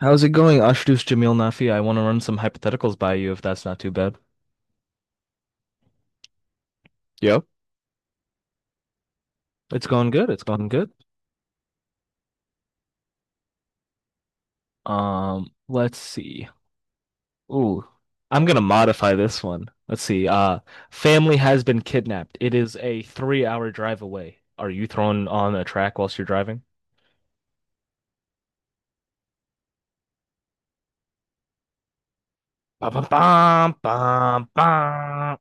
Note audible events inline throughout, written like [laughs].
How's it going, Ashdus Jamil Nafi? I want to run some hypotheticals by you if that's not too bad. Yep. It's going good. It's going good. Let's see. Ooh, I'm gonna modify this one. Let's see. Family has been kidnapped. It is a 3-hour drive away. Are you thrown on a track whilst you're driving? Ba ba bum bum bum.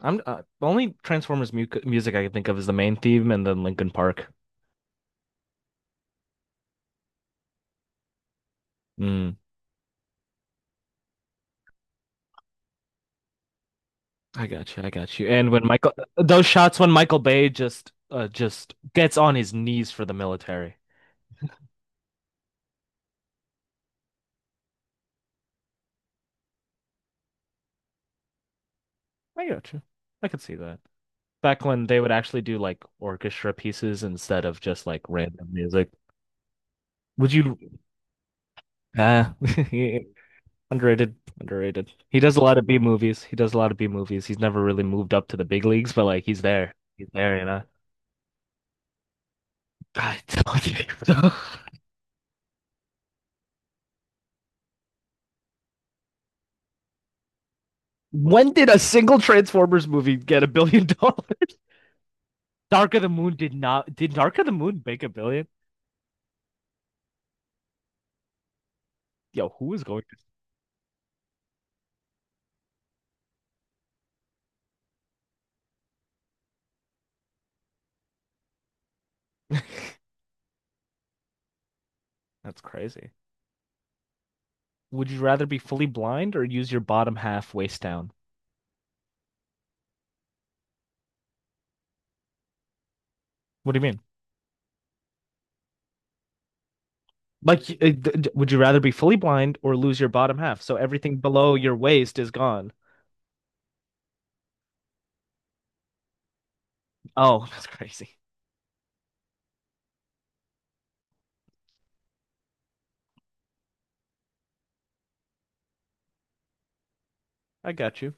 I'm the only Transformers mu music I can think of is the main theme and then Linkin Park. Hmm. I got you. I got you. And when Michael, those shots when Michael Bay just gets on his knees for the military. I got you. I could see that. Back when they would actually do like orchestra pieces instead of just like random music. Would you? Uh, [laughs] underrated, underrated. He does a lot of B movies. He does a lot of B movies. He's never really moved up to the big leagues, but like he's there. He's there, you know. I don't [laughs] know. When did a single Transformers movie get $1 billion? Dark of the Moon did not. Did Dark of the Moon make a billion? Yo, who is going to? [laughs] That's crazy. Would you rather be fully blind or use your bottom half waist down? What do you mean? Like, would you rather be fully blind or lose your bottom half? So everything below your waist is gone. Oh, [laughs] that's crazy. I got you.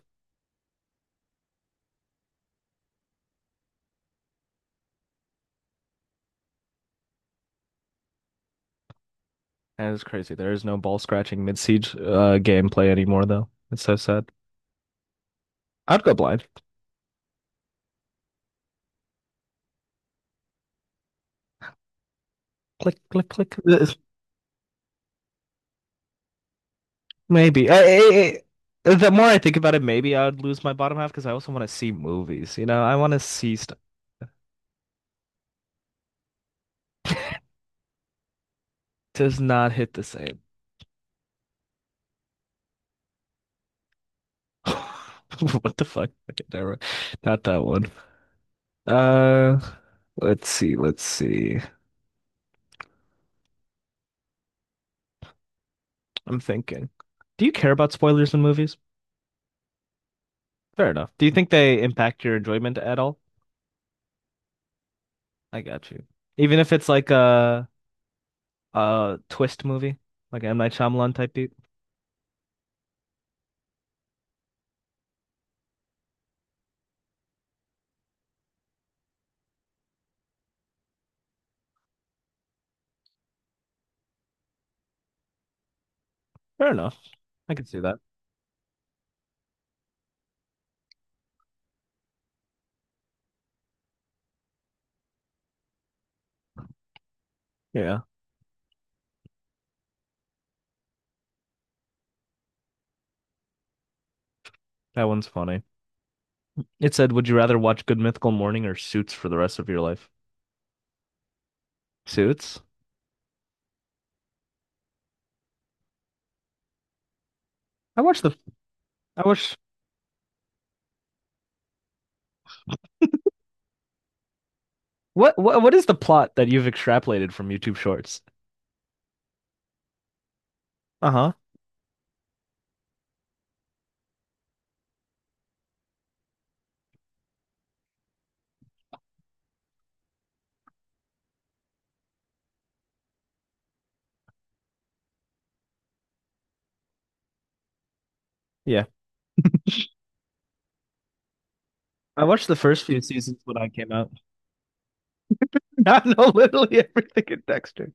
That is crazy. There is no ball scratching mid siege gameplay anymore, though. It's so sad. I'd go blind. Click, click, click. Maybe. The more I think about it, maybe I would lose my bottom half because I also want to see movies. You know, I want to see stuff. Does not hit the same. [laughs] What the fuck? Okay, never. Not that one. Uh, let's see. Let's see. I'm thinking. Do you care about spoilers in movies? Fair enough. Do you think they impact your enjoyment at all? I got you. Even if it's like a twist movie, like M. Night Shyamalan type beat. Fair enough. I can see that. Yeah, that one's funny. It said, "Would you rather watch Good Mythical Morning or Suits for the rest of your life?" Suits. I watched the. I watched. What what is the plot that you've extrapolated from YouTube Shorts? Uh huh. Yeah. I watched the first few seasons when I came out. [laughs] I know literally everything in Dexter.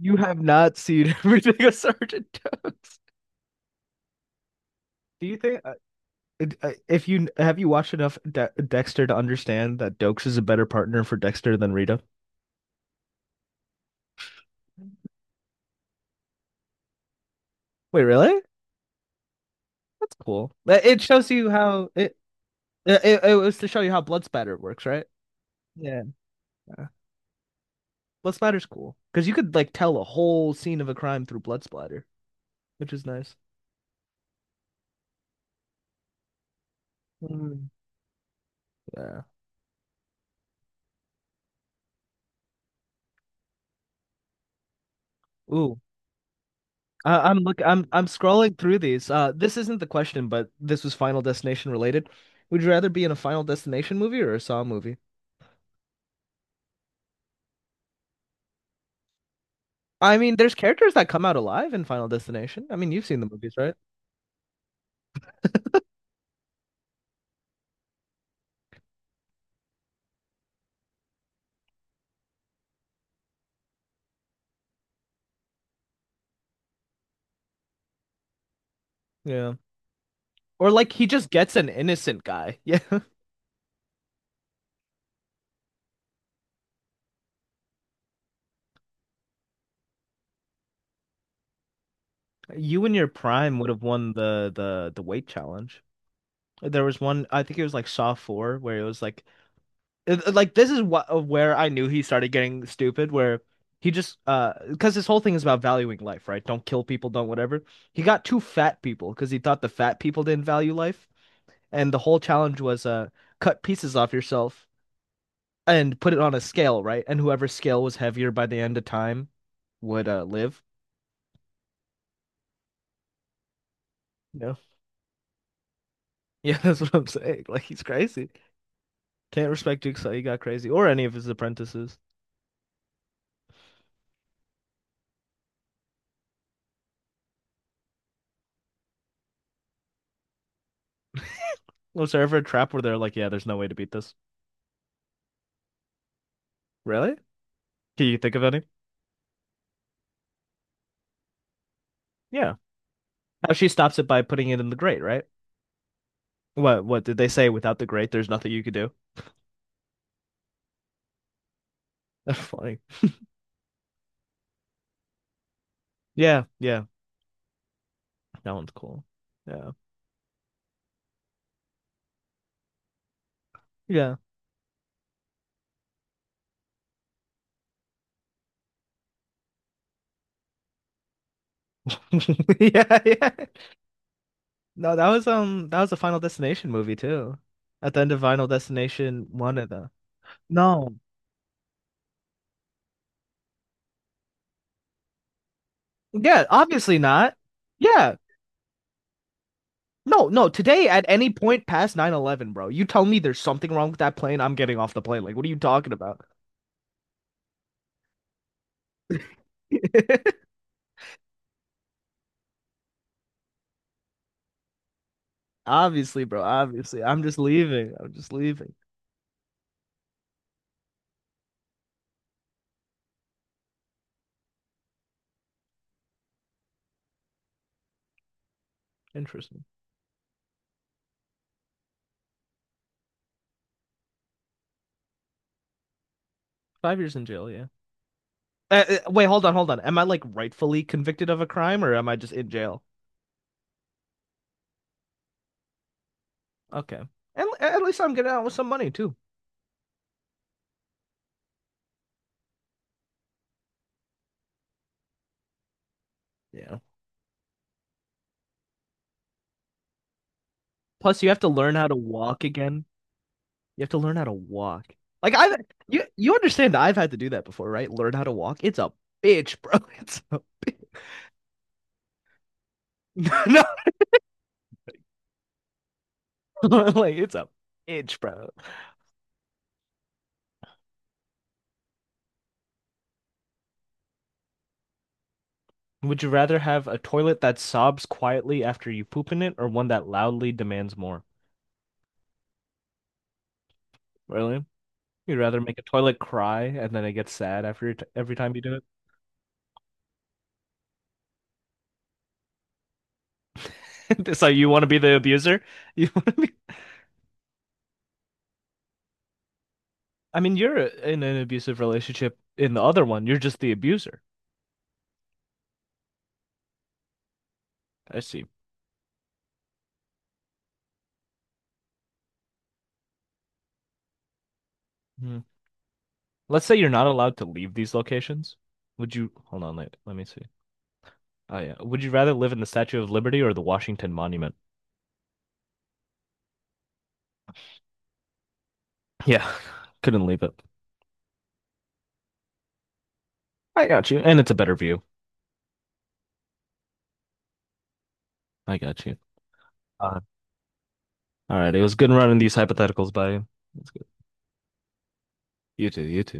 You have not seen [laughs] everything of Sergeant Doakes. Do you think if you watched enough Dexter to understand that Dokes is a better partner for Dexter than Rita? Wait, really? That's cool. it shows you how it It, it, was to show you how blood spatter works, right? Yeah. Yeah. Blood splatter's cool because you could like tell a whole scene of a crime through blood splatter, which is nice. Mm. Yeah. Ooh. I, I'm look. I'm scrolling through these. This isn't the question, but this was Final Destination related. Would you rather be in a Final Destination movie or a Saw movie? I mean, there's characters that come out alive in Final Destination. I mean, you've seen the movies, right? Yeah. Or like he just gets an innocent guy. [laughs] Yeah. You in your prime would have won the weight challenge. There was one, I think it was like Saw 4, where it was like, like this is what where I knew he started getting stupid, where he just because his whole thing is about valuing life, right? Don't kill people, don't whatever. He got two fat people because he thought the fat people didn't value life, and the whole challenge was cut pieces off yourself and put it on a scale, right? And whoever scale was heavier by the end of time would live. No. [laughs] Yeah, that's what I'm saying. Like he's crazy. Can't respect Jigsaw. He got crazy, or any of his apprentices. Was there ever a trap where they're like, yeah, there's no way to beat this? Really? Can you think of any? Yeah. How she stops it by putting it in the grate, right? What did they say without the grate there's nothing you could do? [laughs] That's funny. Yeah, yeah. That one's cool. Yeah. Yeah. [laughs] Yeah, yeah. No, that was a Final Destination movie too. At the end of Final Destination one of the No. Yeah, obviously not. Yeah. No, no, today at any point past 9/11, bro, you tell me there's something wrong with that plane, I'm getting off the plane. Like, what are you talking about? [laughs] Obviously, bro. Obviously, I'm just leaving. I'm just leaving. Interesting. 5 years in jail. Yeah. Wait, hold on, hold on. Am I like rightfully convicted of a crime, or am I just in jail? Okay. And at least I'm getting out with some money too. Yeah. Plus, you have to learn how to walk again. You have to learn how to walk. Like I, you, you understand that I've had to do that before, right? Learn how to walk. It's a bitch, bro. [laughs] It's a bitch. [laughs] No, like it's a bitch, bro. Would you rather have a toilet that sobs quietly after you poop in it or one that loudly demands more? Really? You'd rather make a toilet cry and then it gets sad after t every time you do it? [laughs] So you want to be the abuser? [laughs] You want to be I mean, you're in an abusive relationship in the other one. You're just the abuser. I see. Hmm. Let's say you're not allowed to leave these locations. Would you Hold on, let me see. Oh yeah. Would you rather live in the Statue of Liberty or the Washington Monument? Yeah. [laughs] Couldn't leave it. I got you. And it's a better view. I got you. Uh, all right. It was good running these hypotheticals by you. It's good. You too. You too.